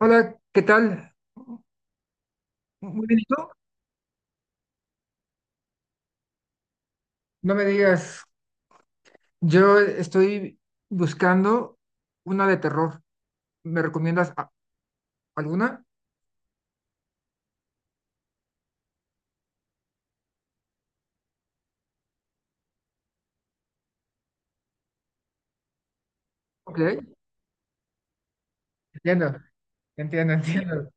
Hola, ¿qué tal? Muy bien, ¿y tú? No me digas, yo estoy buscando una de terror. ¿Me recomiendas alguna? Ok, entiendo, entiendo.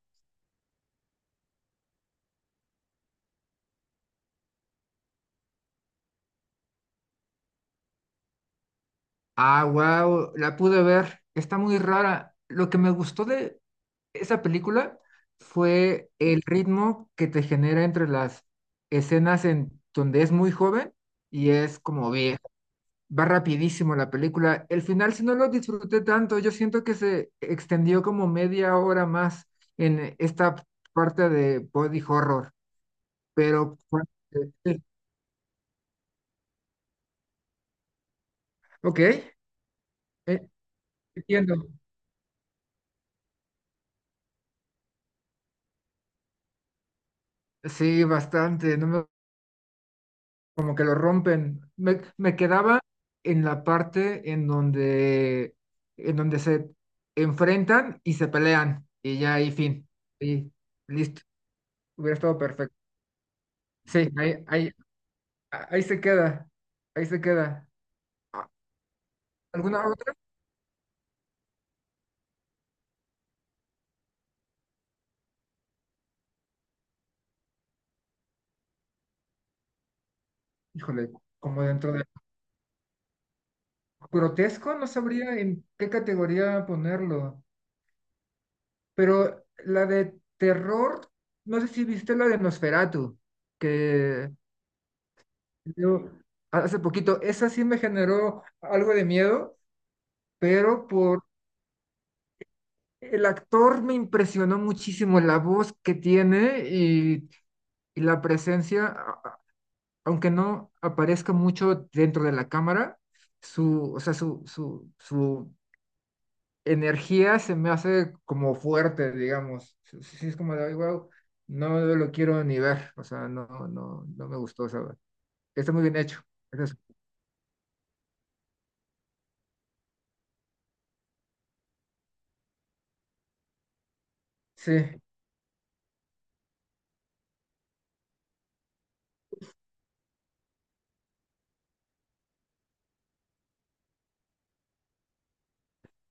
Ah, wow, la pude ver. Está muy rara. Lo que me gustó de esa película fue el ritmo que te genera entre las escenas en donde es muy joven y es como viejo. Va rapidísimo la película. El final, si no lo disfruté tanto, yo siento que se extendió como media hora más en esta parte de body horror, pero... eh, Ok, eh, entiendo. Sí, bastante, no me- como que lo rompen. Me quedaba en la parte en donde se enfrentan y se pelean, y ya ahí fin. Y listo, hubiera estado perfecto. Sí, ahí, ahí, ahí se queda, ahí se queda. Ah, ¿alguna otra? Híjole, como dentro de grotesco, no sabría en qué categoría ponerlo, pero la de terror, no sé si viste la de Nosferatu, que yo hace poquito, esa sí me generó algo de miedo, pero por el actor me impresionó muchísimo la voz que tiene y la presencia aunque no aparezca mucho dentro de la cámara, su, o sea, su energía se me hace como fuerte, digamos. Sí, sí, sí, es como de, wow, no lo quiero ni ver, o sea, no, no, no me gustó, o sea, está muy bien hecho. Eso es- sí,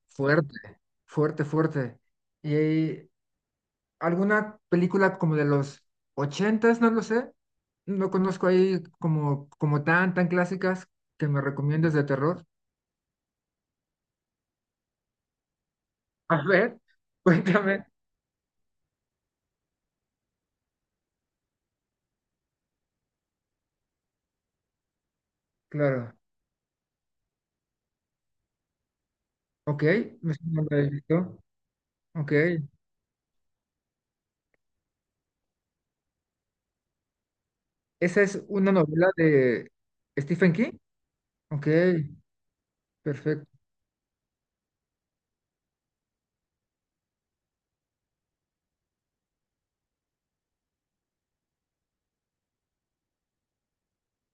fuerte, fuerte, fuerte. Y alguna película como de los ochentas, no lo sé, no conozco ahí como, como tan, tan clásicas que me recomiendes de terror. A ver, cuéntame. Claro. Ok, me suena haber visto. Ok. Esa es una novela de Stephen King. Ok, perfecto.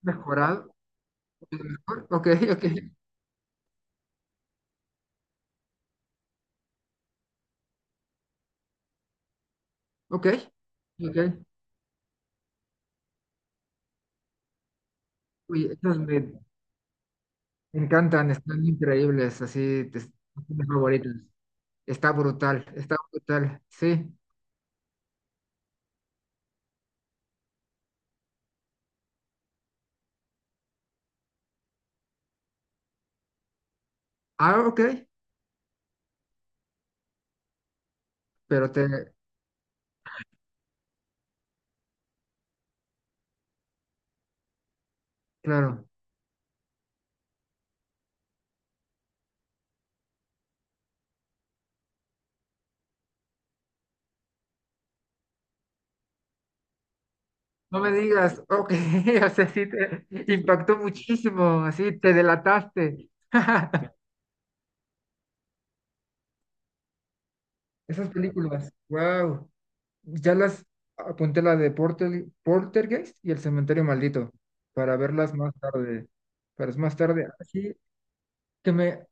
Mejorado. Mejor, Ok, ok, ok. Ok. Uy, estas me encantan, están increíbles, así, son mis favoritas. Está brutal, está brutal. Sí. Ah, ok, pero te, claro. No me digas, ok, o sea, sí te impactó muchísimo, así te delataste. Esas películas, wow. Ya las apunté la de Porter, Poltergeist y El Cementerio Maldito para verlas más tarde. Para es más tarde. Así que me.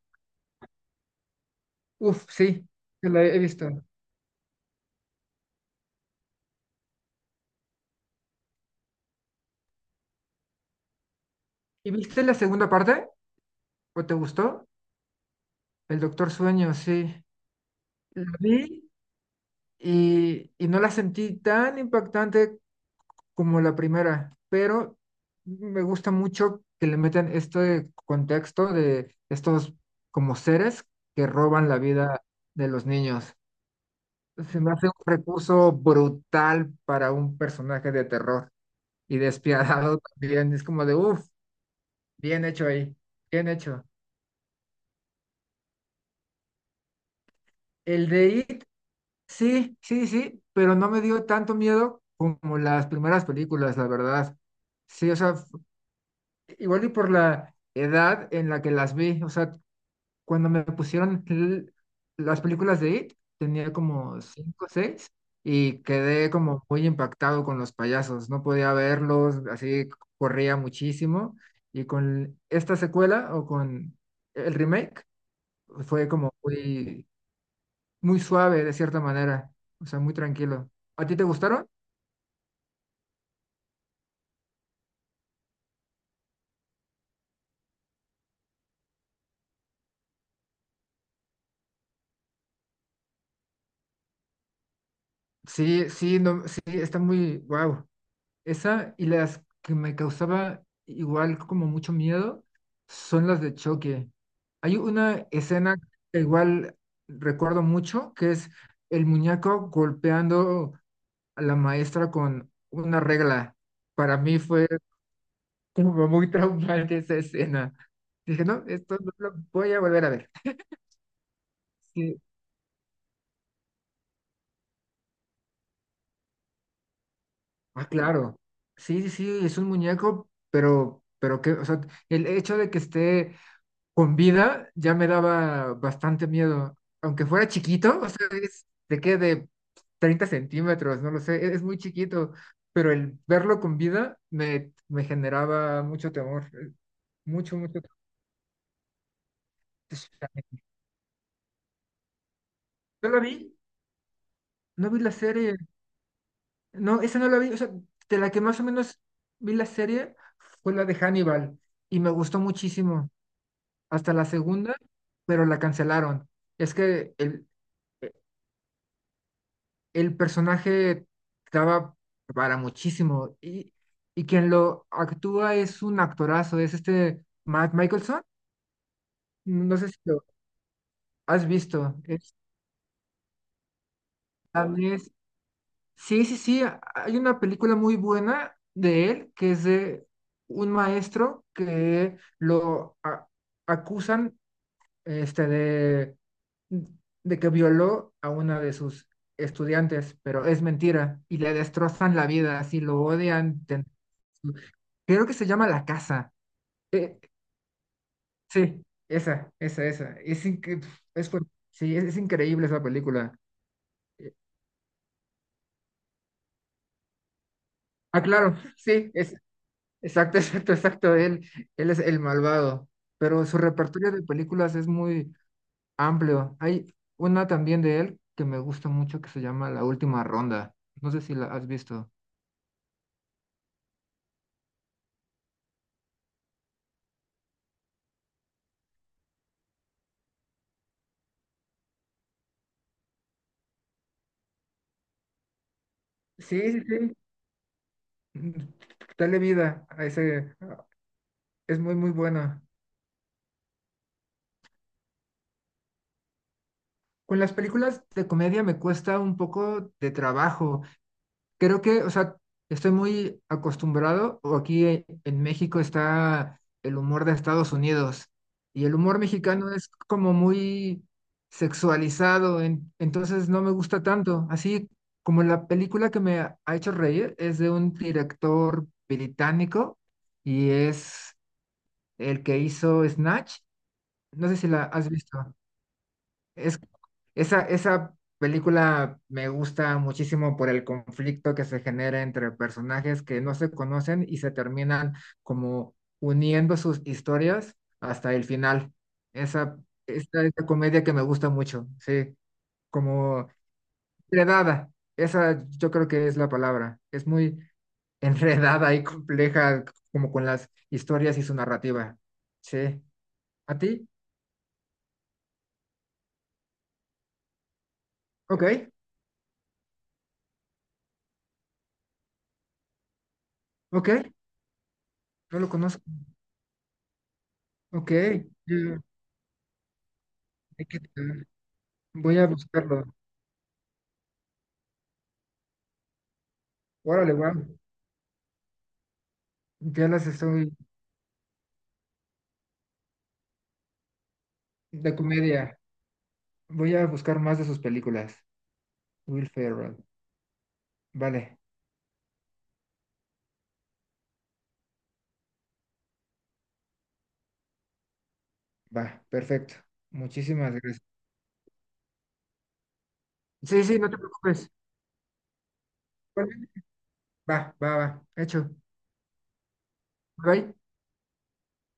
Uf, sí, que la he visto. ¿Y viste la segunda parte? ¿O te gustó? El Doctor Sueño, sí. La vi y no la sentí tan impactante como la primera, pero me gusta mucho que le metan este contexto de estos como seres que roban la vida de los niños. Se me hace un recurso brutal para un personaje de terror y despiadado también. Es como de, uff, bien hecho ahí, bien hecho. El de It, sí, sí, sí, pero no me dio tanto miedo como las primeras películas, la verdad. Sí, o sea, igual y por la edad en la que las vi, o sea, cuando me pusieron las películas de It, tenía como cinco o seis y quedé como muy impactado con los payasos. No podía verlos, así corría muchísimo. Y con esta secuela o con el remake fue como muy, muy suave de cierta manera, o sea, muy tranquilo. ¿A ti te gustaron? Sí, sí, no, sí, está muy, wow. Esa y las que me causaba igual como mucho miedo son las de choque. Hay una escena que igual recuerdo mucho, que es el muñeco golpeando a la maestra con una regla. Para mí fue como muy traumante esa escena. Dije, no, esto no lo voy a volver a ver. Sí, ah, claro. Sí, sí, sí, es un muñeco, pero que, o sea, el hecho de que esté con vida ya me daba bastante miedo. Aunque fuera chiquito, o sea, es, de qué, de 30 centímetros, no lo sé, es muy chiquito, pero el verlo con vida me, me generaba mucho temor, mucho, mucho temor. No la vi, no vi la serie, no, esa no la vi, o sea, de la que más o menos vi la serie fue la de Hannibal y me gustó muchísimo, hasta la segunda, pero la cancelaron. Es que el personaje estaba para muchísimo y quien lo actúa es un actorazo, es este Matt Michelson, no sé si lo has visto. Es, danés. Sí, sí, sí, hay una película muy buena de él que es de un maestro que acusan este, de que violó a una de sus estudiantes, pero es mentira y le destrozan la vida, así lo odian. Creo que se llama La Casa. Eh, sí, esa, esa, esa. Es, es, sí, es increíble esa película. Eh, ah, claro, sí, es, exacto, exacto, exacto. Él es el malvado, pero su repertorio de películas es muy amplio. Hay una también de él que me gusta mucho que se llama La Última Ronda. No sé si la has visto. Sí, sí, sí. Mm, dale vida a ese. Es muy, muy buena. Con las películas de comedia me cuesta un poco de trabajo. Creo que, o sea, estoy muy acostumbrado, o aquí en México está el humor de Estados Unidos, y el humor mexicano es como muy sexualizado, entonces no me gusta tanto. Así como la película que me ha hecho reír es de un director británico y es el que hizo Snatch. No sé si la has visto. Es, esa película me gusta muchísimo por el conflicto que se genera entre personajes que no se conocen y se terminan como uniendo sus historias hasta el final. Esa, esa comedia que me gusta mucho, sí, como enredada. Esa yo creo que es la palabra. Es muy enredada y compleja como con las historias y su narrativa. Sí. ¿A ti? Ok, ok, no lo conozco. Ok, ay, ¿qué tal? Voy a buscarlo. Órale, guau. Ya las estoy de comedia. Voy a buscar más de sus películas. Will Ferrell. Vale, va, perfecto. Muchísimas gracias. Sí, sí, no te preocupes. Vale, va, va, va. Hecho. Bye.